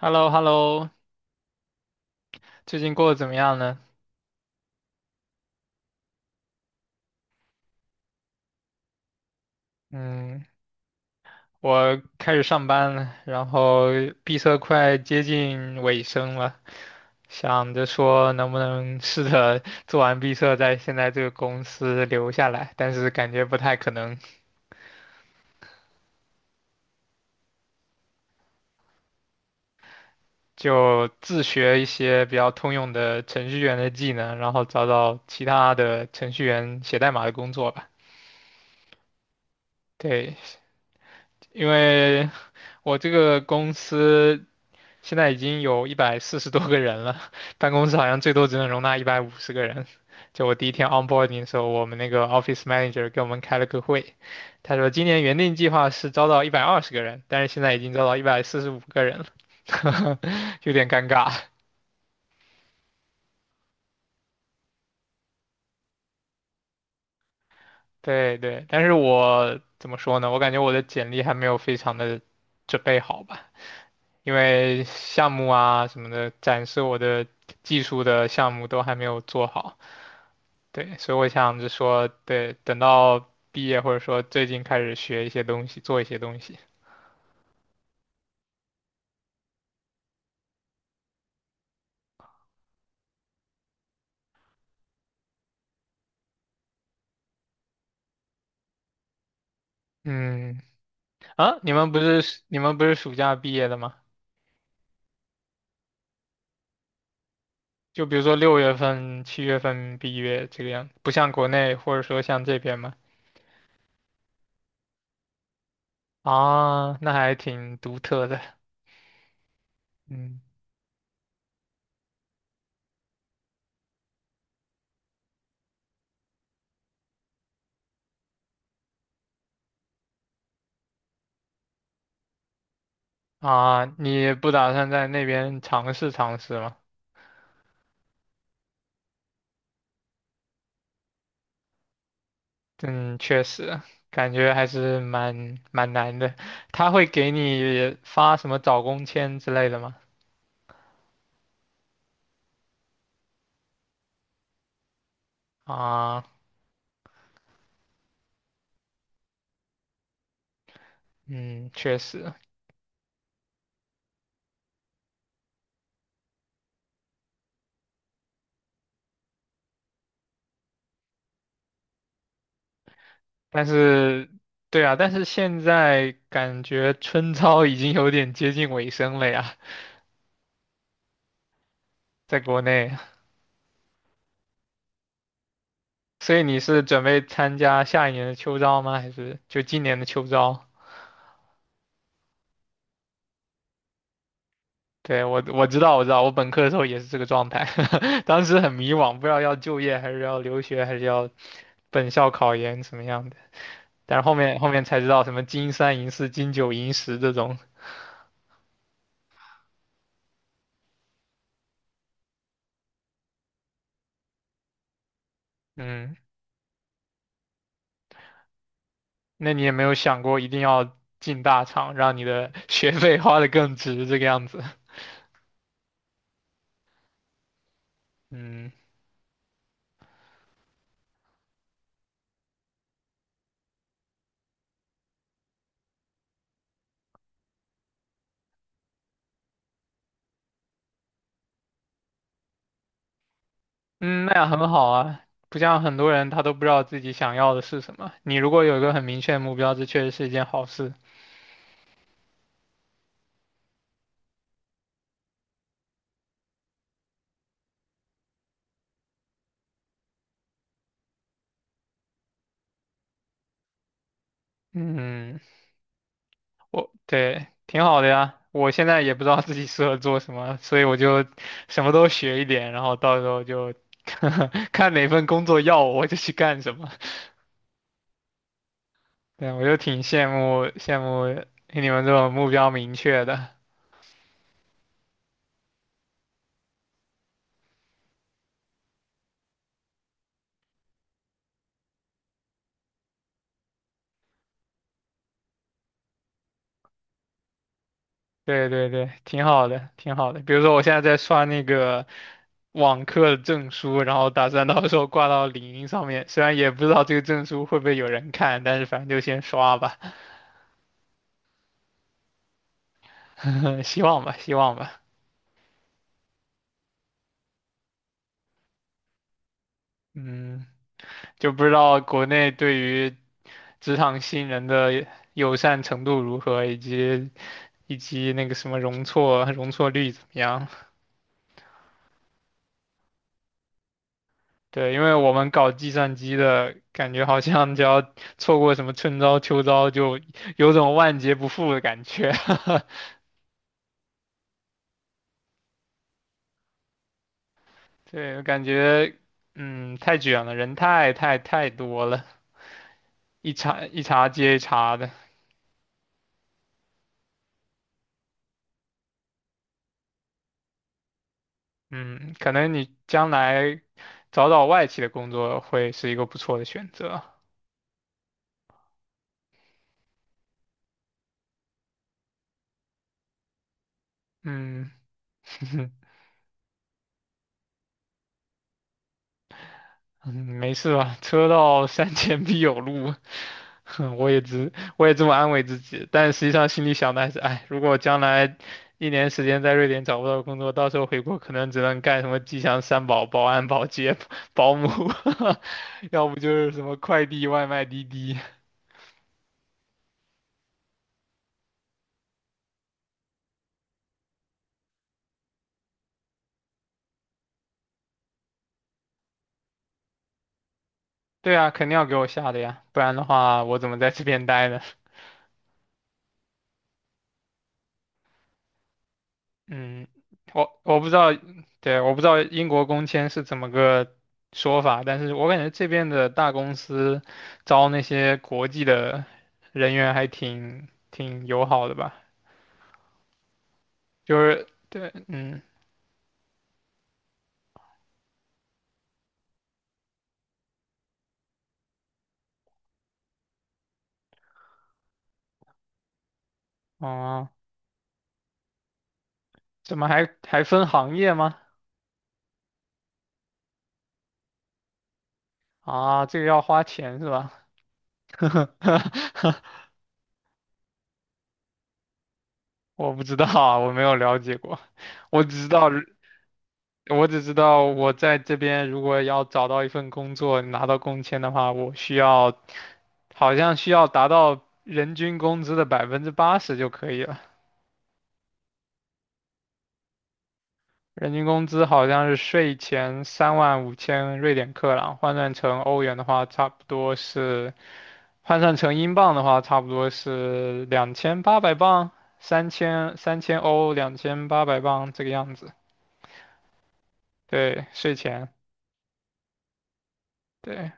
h e l l o h e l l o 最近过得怎么样呢？嗯，我开始上班了，然后闭测快接近尾声了，想着说能不能试着做完闭测，在现在这个公司留下来，但是感觉不太可能，就自学一些比较通用的程序员的技能，然后找找其他的程序员写代码的工作吧。对，因为我这个公司，现在已经有140多个人了，办公室好像最多只能容纳150个人。就我第一天 onboarding 的时候，我们那个 office manager 给我们开了个会，他说今年原定计划是招到120个人，但是现在已经招到145个人了，有点尴尬。对对，但是我怎么说呢？我感觉我的简历还没有非常的准备好吧，因为项目啊什么的，展示我的技术的项目都还没有做好。对，所以我想着说，对，等到毕业或者说最近开始学一些东西，做一些东西。嗯，啊，你们不是暑假毕业的吗？就比如说6月份、7月份毕业这个样不像国内或者说像这边吗？啊，那还挺独特的。嗯，啊，你不打算在那边尝试尝试吗？嗯，确实，感觉还是蛮难的。他会给你发什么找工签之类的吗？啊。嗯，确实，但是，对啊，但是现在感觉春招已经有点接近尾声了呀，在国内，所以你是准备参加下一年的秋招吗？还是就今年的秋招？对，我知道，我知道，我本科的时候也是这个状态，当时很迷惘，不知道要就业还是要留学还是要本校考研什么样的，但是后面才知道什么金三银四金九银十这种，嗯。那你也没有想过一定要进大厂，让你的 学费花得更值这个样子。嗯，嗯，那样很好啊。不像很多人他都不知道自己想要的是什么。你如果有一个很明确的目标，这确实是一件好事。嗯，我对，挺好的呀。我现在也不知道自己适合做什么，所以我就什么都学一点，然后到时候就 看哪份工作要我，我就去干什么。对，我就挺羡慕羡慕你们这种目标明确的。对对对，挺好的，挺好的。比如说，我现在在刷那个网课证书，然后打算到时候挂到领英上面。虽然也不知道这个证书会不会有人看，但是反正就先刷吧，希望吧，希望吧。嗯，就不知道国内对于职场新人的友善程度如何，以及那个什么容错率怎么样。对，因为我们搞计算机的，感觉好像只要错过什么春招秋招，就有种万劫不复的感觉。对，感觉嗯太卷了，人太多了，一茬一茬接一茬的。嗯，可能你将来找找外企的工作会是一个不错的选择。嗯，嗯，没事吧？车到山前必有路，我也这么安慰自己，但实际上心里想的还是，哎，如果将来一年时间在瑞典找不到工作，到时候回国可能只能干什么吉祥三宝、保安、保洁、保姆，要不就是什么快递、外卖、滴滴。对啊，肯定要给我下的呀，不然的话我怎么在这边待呢？嗯，我不知道，对，我不知道英国工签是怎么个说法，但是我感觉这边的大公司招那些国际的人员还挺友好的吧，就是对，嗯，哦，怎么还分行业吗？啊，这个要花钱是吧？我不知道啊，我没有了解过，我只知道。我只知道我在这边如果要找到一份工作，拿到工签的话，我需要好像需要达到人均工资的80%就可以了。人均工资好像是税前35,000瑞典克朗，换算成欧元的话，差不多是换算成英镑的话，差不多是两千八百镑，三千欧，两千八百镑这个样子。对，税前。对，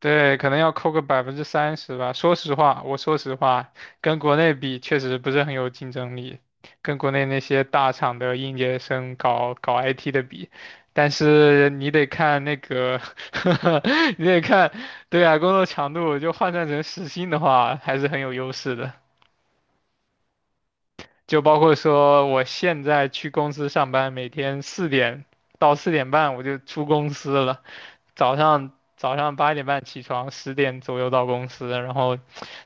对，可能要扣个30%吧。说实话，我说实话，跟国内比确实不是很有竞争力，跟国内那些大厂的应届生搞搞 IT 的比，但是你得看那个 你得看，对啊，工作强度就换算成时薪的话，还是很有优势的。就包括说，我现在去公司上班，每天四点到4点半我就出公司了。早上早上8点半起床，10点左右到公司，然后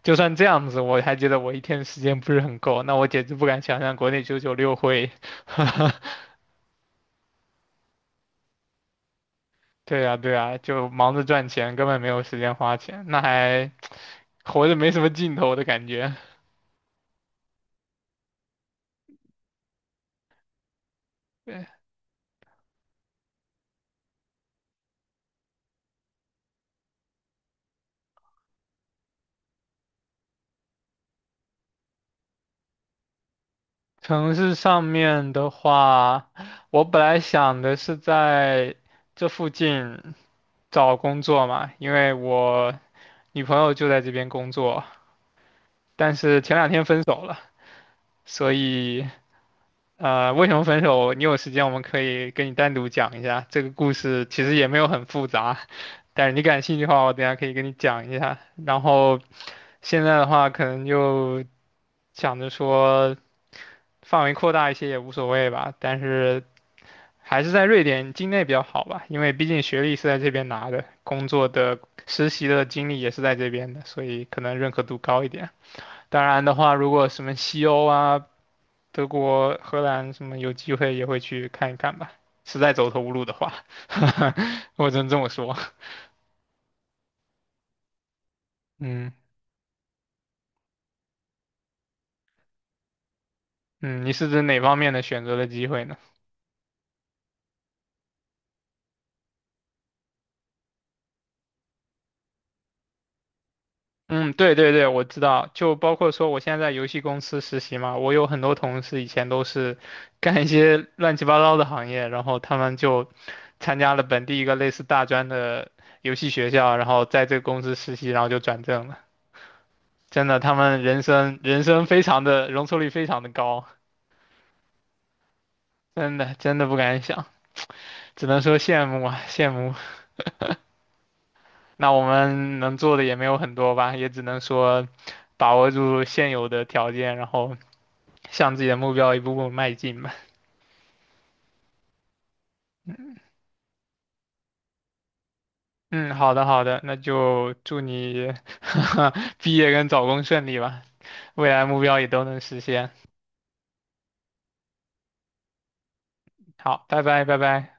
就算这样子，我还觉得我一天时间不是很够。那我简直不敢想象国内996会，对呀对呀，就忙着赚钱，根本没有时间花钱，那还活着没什么劲头的感觉。对，城市上面的话，我本来想的是在这附近找工作嘛，因为我女朋友就在这边工作，但是前两天分手了。所以，呃，为什么分手？你有时间我们可以跟你单独讲一下。这个故事其实也没有很复杂，但是你感兴趣的话，我等一下可以跟你讲一下。然后现在的话，可能就想着说范围扩大一些也无所谓吧，但是还是在瑞典境内比较好吧，因为毕竟学历是在这边拿的，工作的实习的经历也是在这边的，所以可能认可度高一点。当然的话，如果什么西欧啊。德国、荷兰什么有机会也会去看一看吧。实在走投无路的话，我只能这么说。嗯，嗯，你是指哪方面的选择的机会呢？嗯，对对对，我知道，就包括说我现在在游戏公司实习嘛，我有很多同事以前都是干一些乱七八糟的行业，然后他们就参加了本地一个类似大专的游戏学校，然后在这个公司实习，然后就转正了。真的，他们人生非常的容错率非常的高。真的真的不敢想，只能说羡慕啊，羡慕。那我们能做的也没有很多吧，也只能说把握住现有的条件，然后向自己的目标一步步迈进吧。嗯，好的好的，那就祝你 毕业跟找工顺利吧，未来目标也都能实现。好，拜拜拜拜。